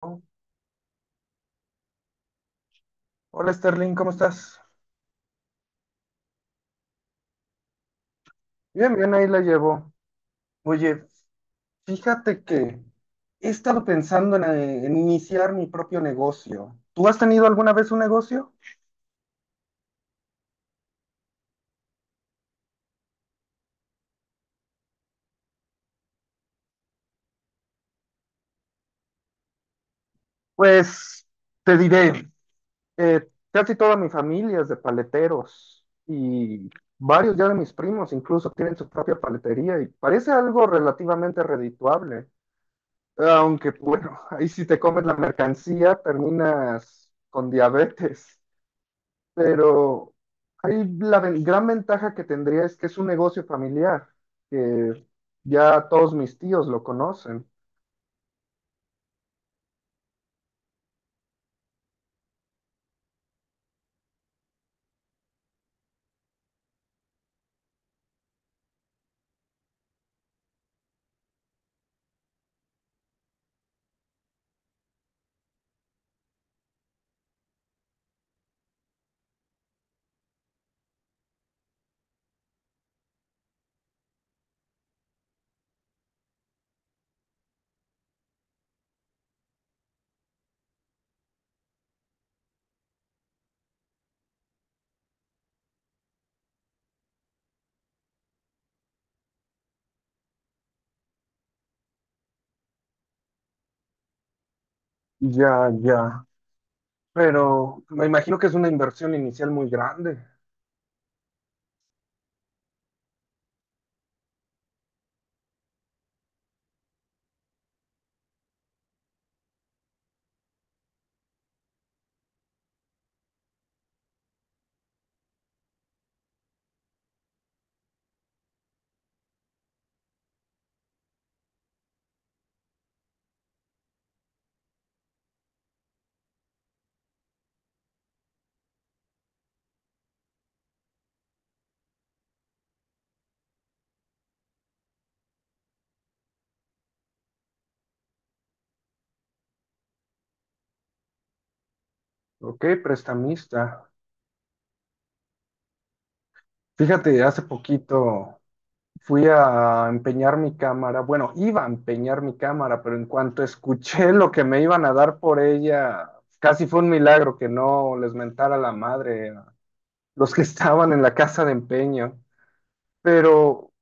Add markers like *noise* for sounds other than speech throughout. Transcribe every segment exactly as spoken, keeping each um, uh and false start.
Hola Sterling, ¿cómo estás? Bien, bien, ahí la llevo. Oye, fíjate que he estado pensando en, eh, en iniciar mi propio negocio. ¿Tú has tenido alguna vez un negocio? Pues te diré, eh, casi toda mi familia es de paleteros y varios ya de mis primos incluso tienen su propia paletería y parece algo relativamente redituable. Aunque *laughs* bueno, ahí si te comes la mercancía terminas con diabetes. Pero ahí la ven- gran ventaja que tendría es que es un negocio familiar, que ya todos mis tíos lo conocen. Ya, ya. Pero me imagino que es una inversión inicial muy grande. Ok, prestamista. Fíjate, hace poquito fui a empeñar mi cámara. Bueno, iba a empeñar mi cámara, pero en cuanto escuché lo que me iban a dar por ella, casi fue un milagro que no les mentara la madre a los que *laughs* estaban en la casa de empeño. Pero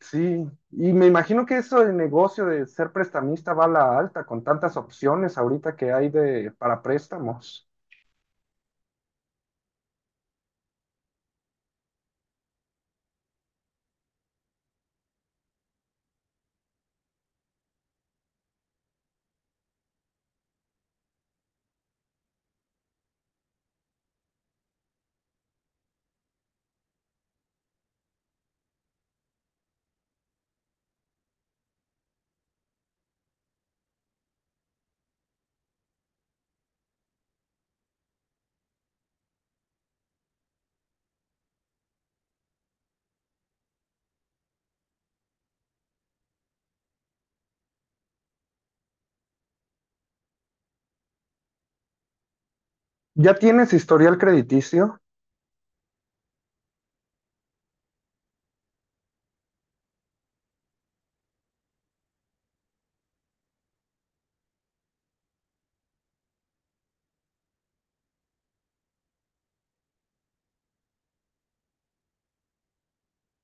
sí, y me imagino que eso del negocio de ser prestamista va a la alta con tantas opciones ahorita que hay de para préstamos. ¿Ya tienes historial crediticio?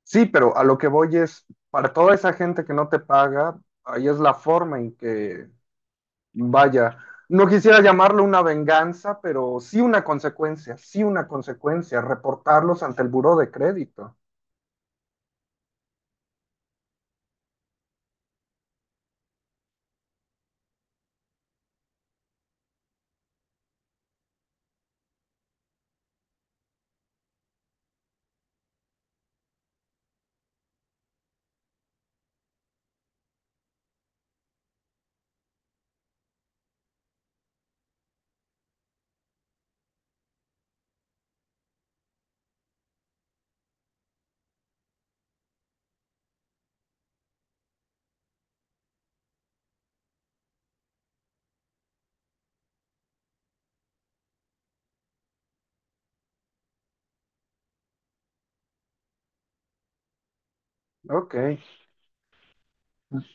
Sí, pero a lo que voy es, para toda esa gente que no te paga, ahí es la forma en que, vaya, no quisiera llamarlo una venganza, pero sí una consecuencia, sí una consecuencia, reportarlos ante el buró de crédito. Ok.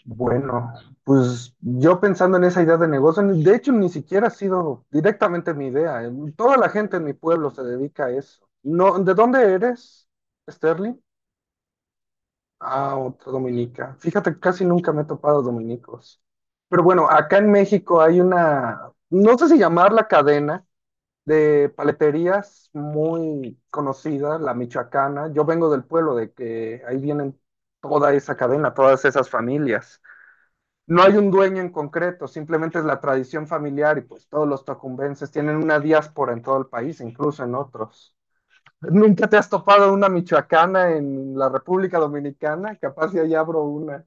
Bueno, pues yo pensando en esa idea de negocio, ni- de hecho ni siquiera ha sido directamente mi idea. Em, Toda la gente en mi pueblo se dedica a eso. No, ¿de dónde eres, Sterling? Ah, otra dominica. Fíjate, casi nunca me he topado dominicos. Pero bueno, acá en México hay una, no sé si llamarla cadena de paleterías muy conocida, la michoacana. Yo vengo del pueblo de que ahí vienen toda esa cadena, todas esas familias, no hay un dueño en concreto, simplemente es la tradición familiar y pues todos los tocumbenses tienen una diáspora en todo el país, incluso en otros. ¿Nunca te has topado una michoacana en la República Dominicana? Capaz ya allá abro una.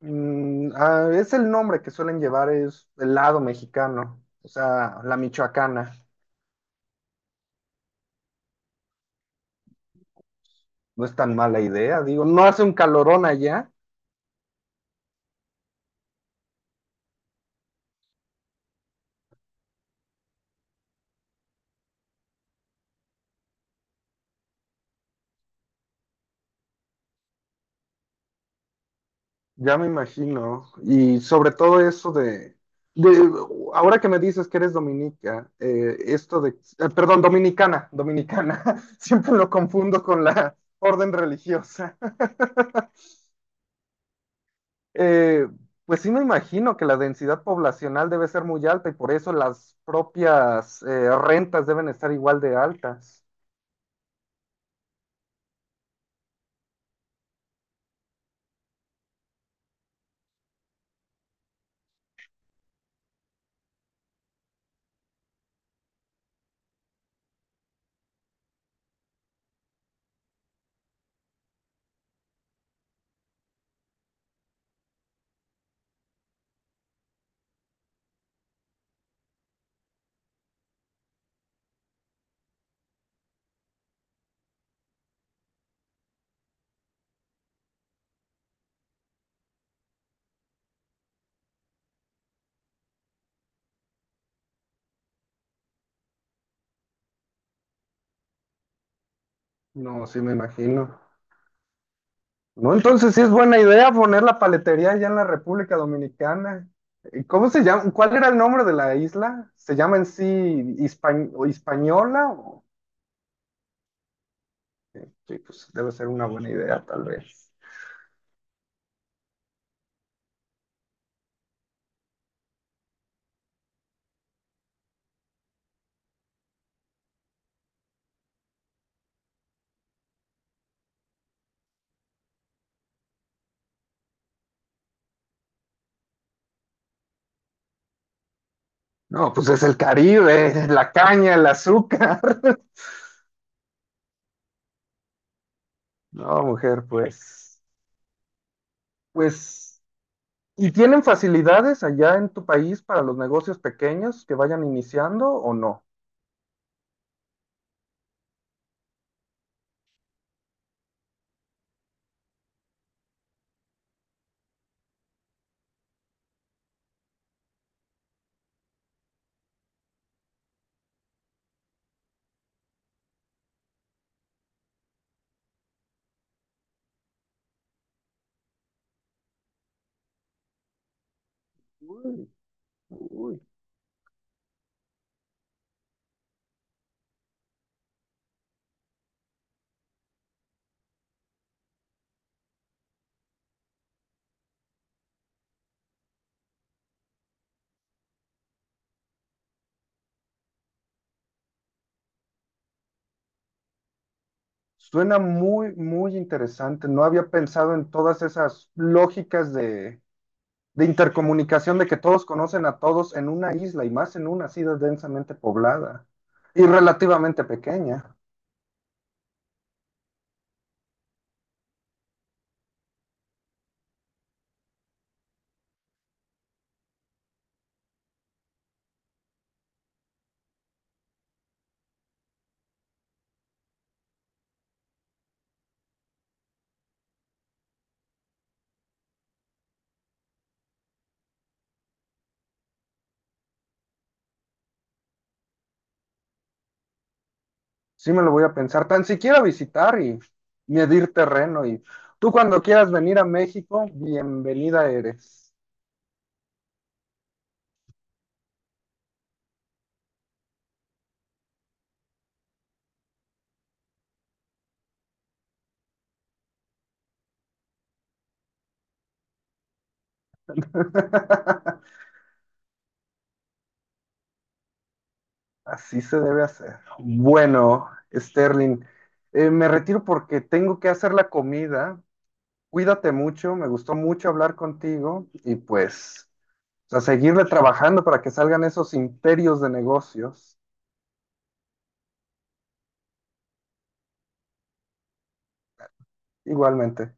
Mm, ah, es el nombre que suelen llevar, es el lado mexicano, o sea, la michoacana. No es tan mala idea, digo, no hace un calorón allá. Ya me imagino. Y sobre todo eso de, de- ahora que me dices que eres dominica, eh, esto de, eh, perdón, dominicana, dominicana, *laughs* siempre lo confundo con la orden religiosa. *laughs* Eh, pues sí me imagino que la densidad poblacional debe ser muy alta y por eso las propias eh, rentas deben estar igual de altas. No, sí me imagino. No, entonces sí es buena idea poner la paletería allá en la República Dominicana. ¿Y cómo se llama? ¿Cuál era el nombre de la isla? ¿Se llama en sí Hispa- o Hispaniola? O- sí, pues debe ser una buena idea, tal vez. No, pues es el Caribe, la caña, el azúcar. *laughs* No, mujer, pues, pues, ¿y tienen facilidades allá en tu país para los negocios pequeños que vayan iniciando o no? Uy, uy. Suena muy, muy interesante. No había pensado en todas esas lógicas de, de intercomunicación, de que todos conocen a todos en una isla y más en una así densamente poblada y relativamente pequeña. Sí me lo voy a pensar, tan siquiera visitar y medir terreno. Y tú cuando quieras venir a México, bienvenida eres. *laughs* Así se debe hacer. Bueno, Sterling, eh, me retiro porque tengo que hacer la comida. Cuídate mucho, me gustó mucho hablar contigo y pues a seguirle trabajando para que salgan esos imperios de negocios igualmente.